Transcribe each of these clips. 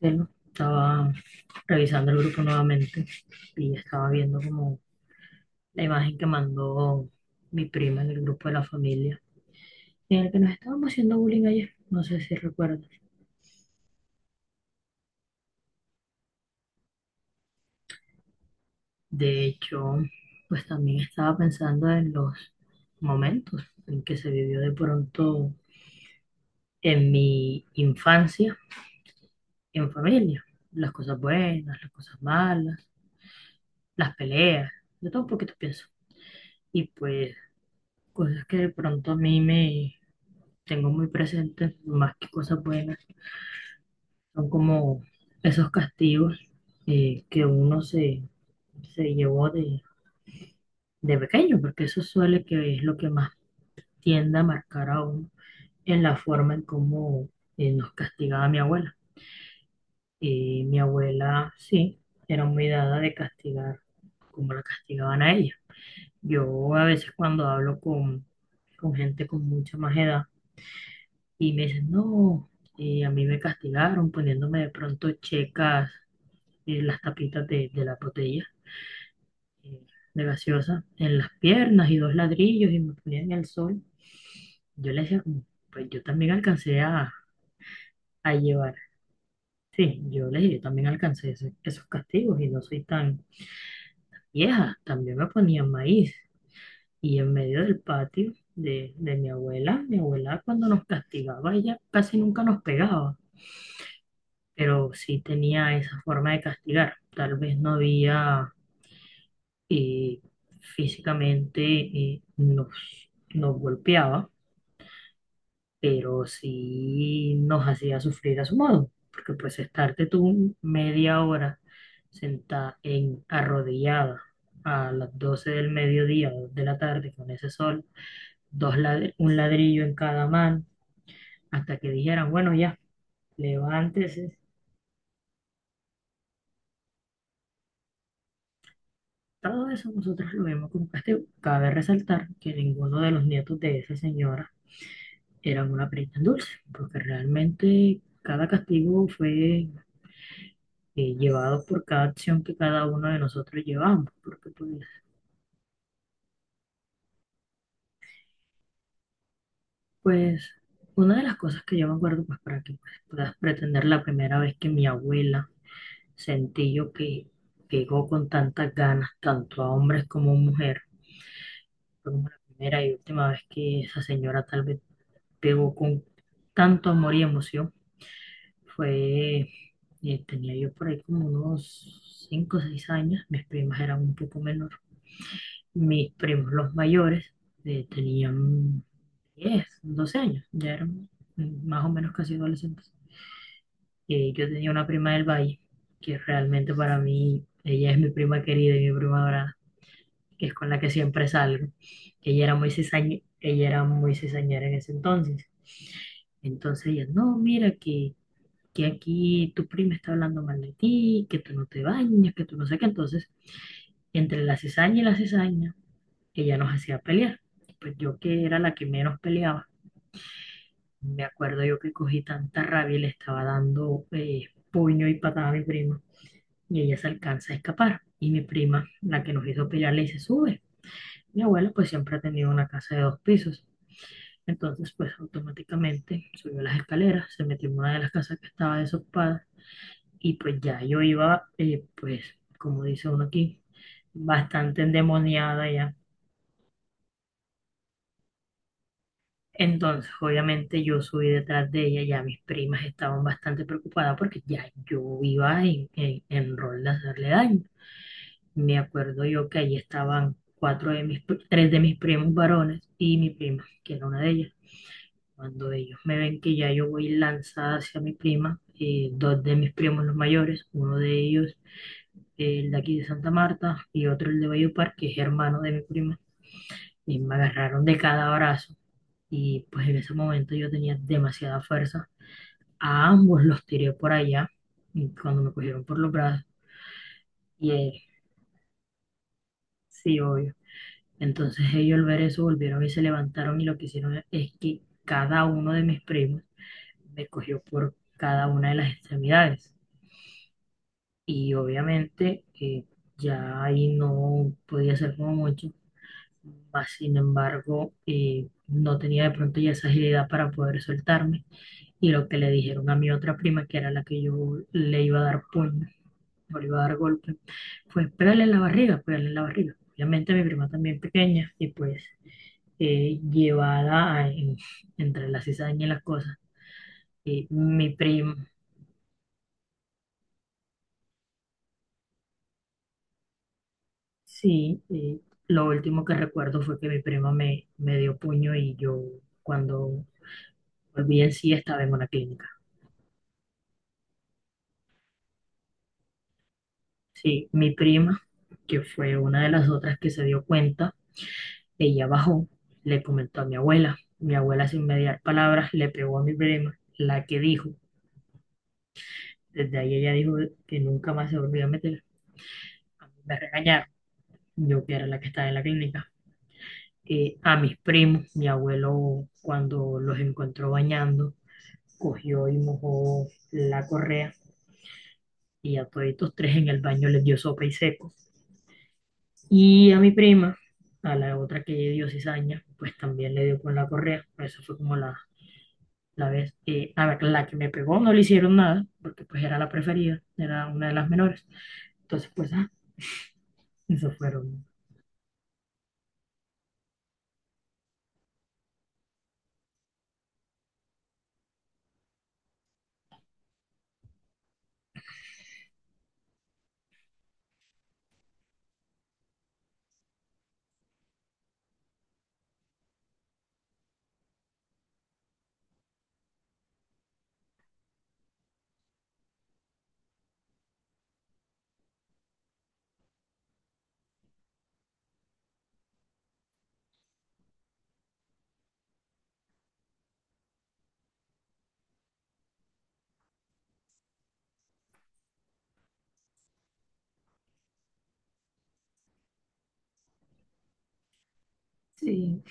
Bueno, estaba revisando el grupo nuevamente y estaba viendo como la imagen que mandó mi prima en el grupo de la familia, en el que nos estábamos haciendo bullying ayer, no sé si recuerdas. De hecho, pues también estaba pensando en los momentos en que se vivió de pronto en mi infancia, en familia, las cosas buenas, las cosas malas, las peleas, de todo un poquito pienso. Y pues cosas que de pronto a mí me tengo muy presentes, más que cosas buenas, son como esos castigos que se llevó de pequeño, porque eso suele que es lo que más tiende a marcar a uno en la forma en cómo nos castigaba mi abuela. Y mi abuela, sí, era muy dada de castigar, como la castigaban a ella. Yo a veces cuando hablo con gente con mucha más edad, y me dicen, no, a mí me castigaron poniéndome de pronto checas las tapitas de la botella eh, de gaseosa en las piernas y dos ladrillos y me ponían en el sol. Yo les decía, como, pues yo también alcancé a llevar. Sí, yo les dije, yo también alcancé esos castigos y no soy tan vieja. También me ponían maíz. Y en medio del patio de mi abuela cuando nos castigaba, ella casi nunca nos pegaba, pero sí tenía esa forma de castigar. Tal vez no había eh, físicamente nos golpeaba, pero sí nos hacía sufrir a su modo, porque pues estarte tú media hora sentada en arrodillada a las 12 del mediodía, 2 de la tarde con ese sol, un ladrillo en cada mano, hasta que dijeran, bueno, ya, levántese. Todo eso nosotros lo vimos como castigo. Cabe resaltar que ninguno de los nietos de esa señora eran una perita en dulce, porque realmente cada castigo fue llevado por cada acción que cada uno de nosotros llevamos, porque pues, pues una de las cosas que yo me acuerdo, pues para que pues, puedas pretender la primera vez que mi abuela sentí yo que llegó con tantas ganas, tanto a hombres como a mujeres, fue como la primera y última vez que esa señora tal vez pegó con tanto amor y emoción. Fue, tenía yo por ahí como unos 5 o 6 años, mis primas eran un poco menor. Mis primos, los mayores, tenían 10 12 años, ya eran más o menos casi adolescentes. Yo tenía una prima del Valle, que realmente para mí, ella es mi prima querida y mi prima dorada, que es con la que siempre salgo. Ella era ella era muy cizañera en ese entonces. Entonces ella, no, mira que aquí tu prima está hablando mal de ti, que tú no te bañas, que tú no sé qué. Entonces, entre la cizaña y la cizaña, ella nos hacía pelear. Pues yo que era la que menos peleaba, me acuerdo yo que cogí tanta rabia y le estaba dando puño y patada a mi prima, y ella se alcanza a escapar. Y mi prima, la que nos hizo pelear, le dice, sube. Mi abuela pues siempre ha tenido una casa de dos pisos. Entonces pues automáticamente subió las escaleras, se metió en una de las casas que estaba desocupada. Y pues ya yo iba, pues, como dice uno aquí, bastante endemoniada ya. Entonces, obviamente yo subí detrás de ella, ya mis primas estaban bastante preocupadas porque ya yo iba en rol de hacerle daño. Me acuerdo yo que ahí estaban cuatro de mis, pri- tres de mis primos varones y mi prima, que era una de ellas. Cuando ellos me ven que ya yo voy lanzada hacia mi prima, dos de mis primos los mayores, uno de ellos el de aquí de Santa Marta y otro el de Valledupar, que es hermano de mi prima, y me agarraron de cada brazo. Y pues en ese momento yo tenía demasiada fuerza. A ambos los tiré por allá y cuando me cogieron por los brazos. Y sí, obvio. Entonces ellos al ver eso volvieron y se levantaron, y lo que hicieron es que cada uno de mis primos me cogió por cada una de las extremidades. Y obviamente ya ahí no podía hacer como mucho. Mas, sin embargo, no tenía de pronto ya esa agilidad para poder soltarme. Y lo que le dijeron a mi otra prima, que era la que yo le iba a dar puño, o le iba a dar golpe, fue pégale en la barriga, pégale en la barriga. Obviamente mi prima también pequeña y pues eh, llevada a- en- entre la cizaña y las cosas. Y mi prima, sí, lo último que recuerdo fue que mi prima me dio puño, y yo cuando volví en sí estaba en una clínica. Sí, mi prima, que fue una de las otras que se dio cuenta, ella bajó, le comentó a mi abuela. Mi abuela, sin mediar palabras, le pegó a mi prima, la que dijo, desde ahí ella dijo que nunca más se volvió a meter. A mí me regañaron, yo que era la que estaba en la clínica. A mis primos, mi abuelo, cuando los encontró bañando, cogió y mojó la correa y a todos estos tres en el baño les dio sopa y seco. Y a mi prima, a la otra que dio cizaña, pues también le dio con la correa. Esa fue como la vez. A ver, la que me pegó no le hicieron nada, porque pues era la preferida, era una de las menores. Entonces, pues, ah, eso fueron. Sí,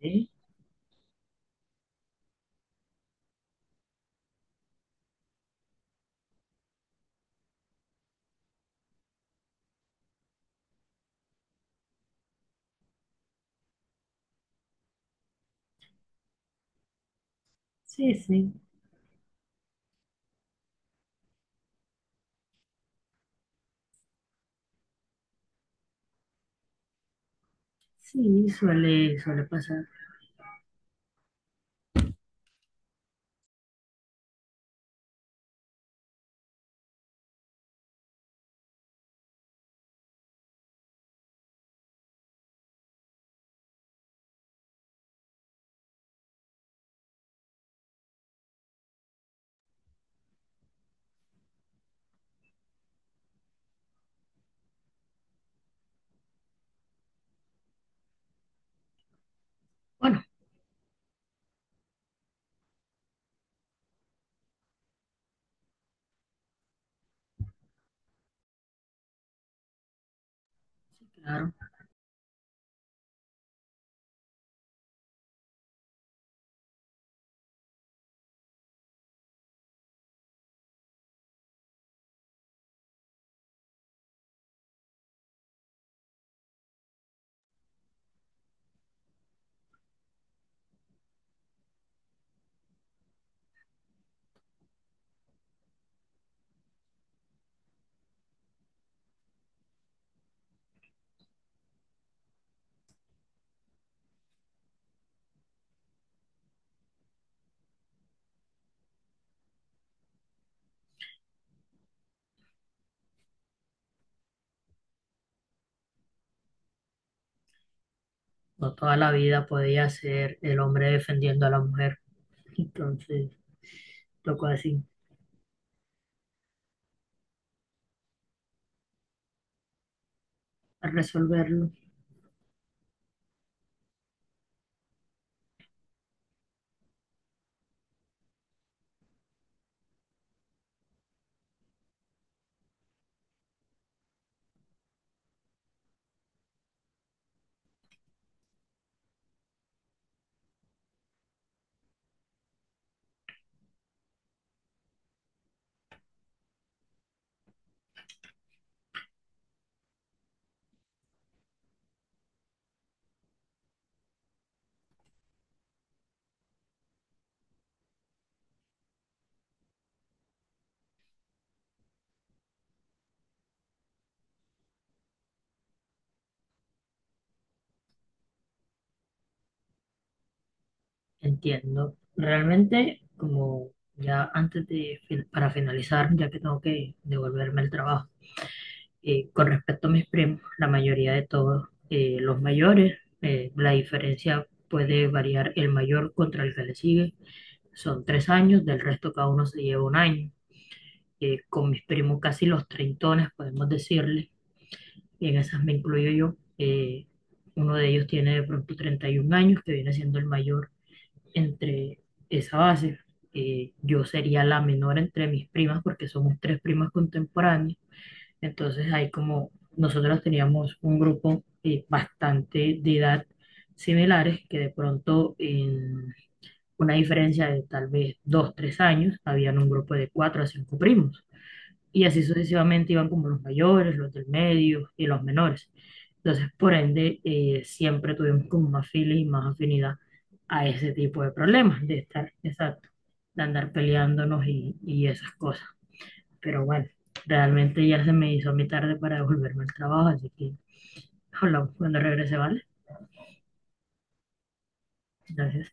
sí, sí, sí, sí, suele pasar. Bueno, claro, no toda la vida podía ser el hombre defendiendo a la mujer. Entonces, tocó así, resolverlo. Entiendo. Realmente, como ya antes de, para finalizar, ya que tengo que devolverme el trabajo, con respecto a mis primos, la mayoría de todos, los mayores, la diferencia puede variar el mayor contra el que le sigue. Son tres años, del resto cada uno se lleva un año. Con mis primos casi los treintones, podemos decirle, y en esas me incluyo yo. Uno de ellos tiene de pronto 31 años, que viene siendo el mayor entre esa base. Yo sería la menor entre mis primas porque somos tres primas contemporáneas. Entonces ahí como nosotros teníamos un grupo bastante de edad similares que de pronto en una diferencia de tal vez dos, tres años, habían un grupo de cuatro a cinco primos, y así sucesivamente iban como los mayores, los del medio y los menores. Entonces, por ende, siempre tuvimos como más filas y más afinidad a ese tipo de problemas, de estar, exacto, de andar peleándonos y esas cosas. Pero bueno, realmente ya se me hizo a mi tarde para devolverme al trabajo, así que hablamos cuando regrese, ¿vale? Gracias.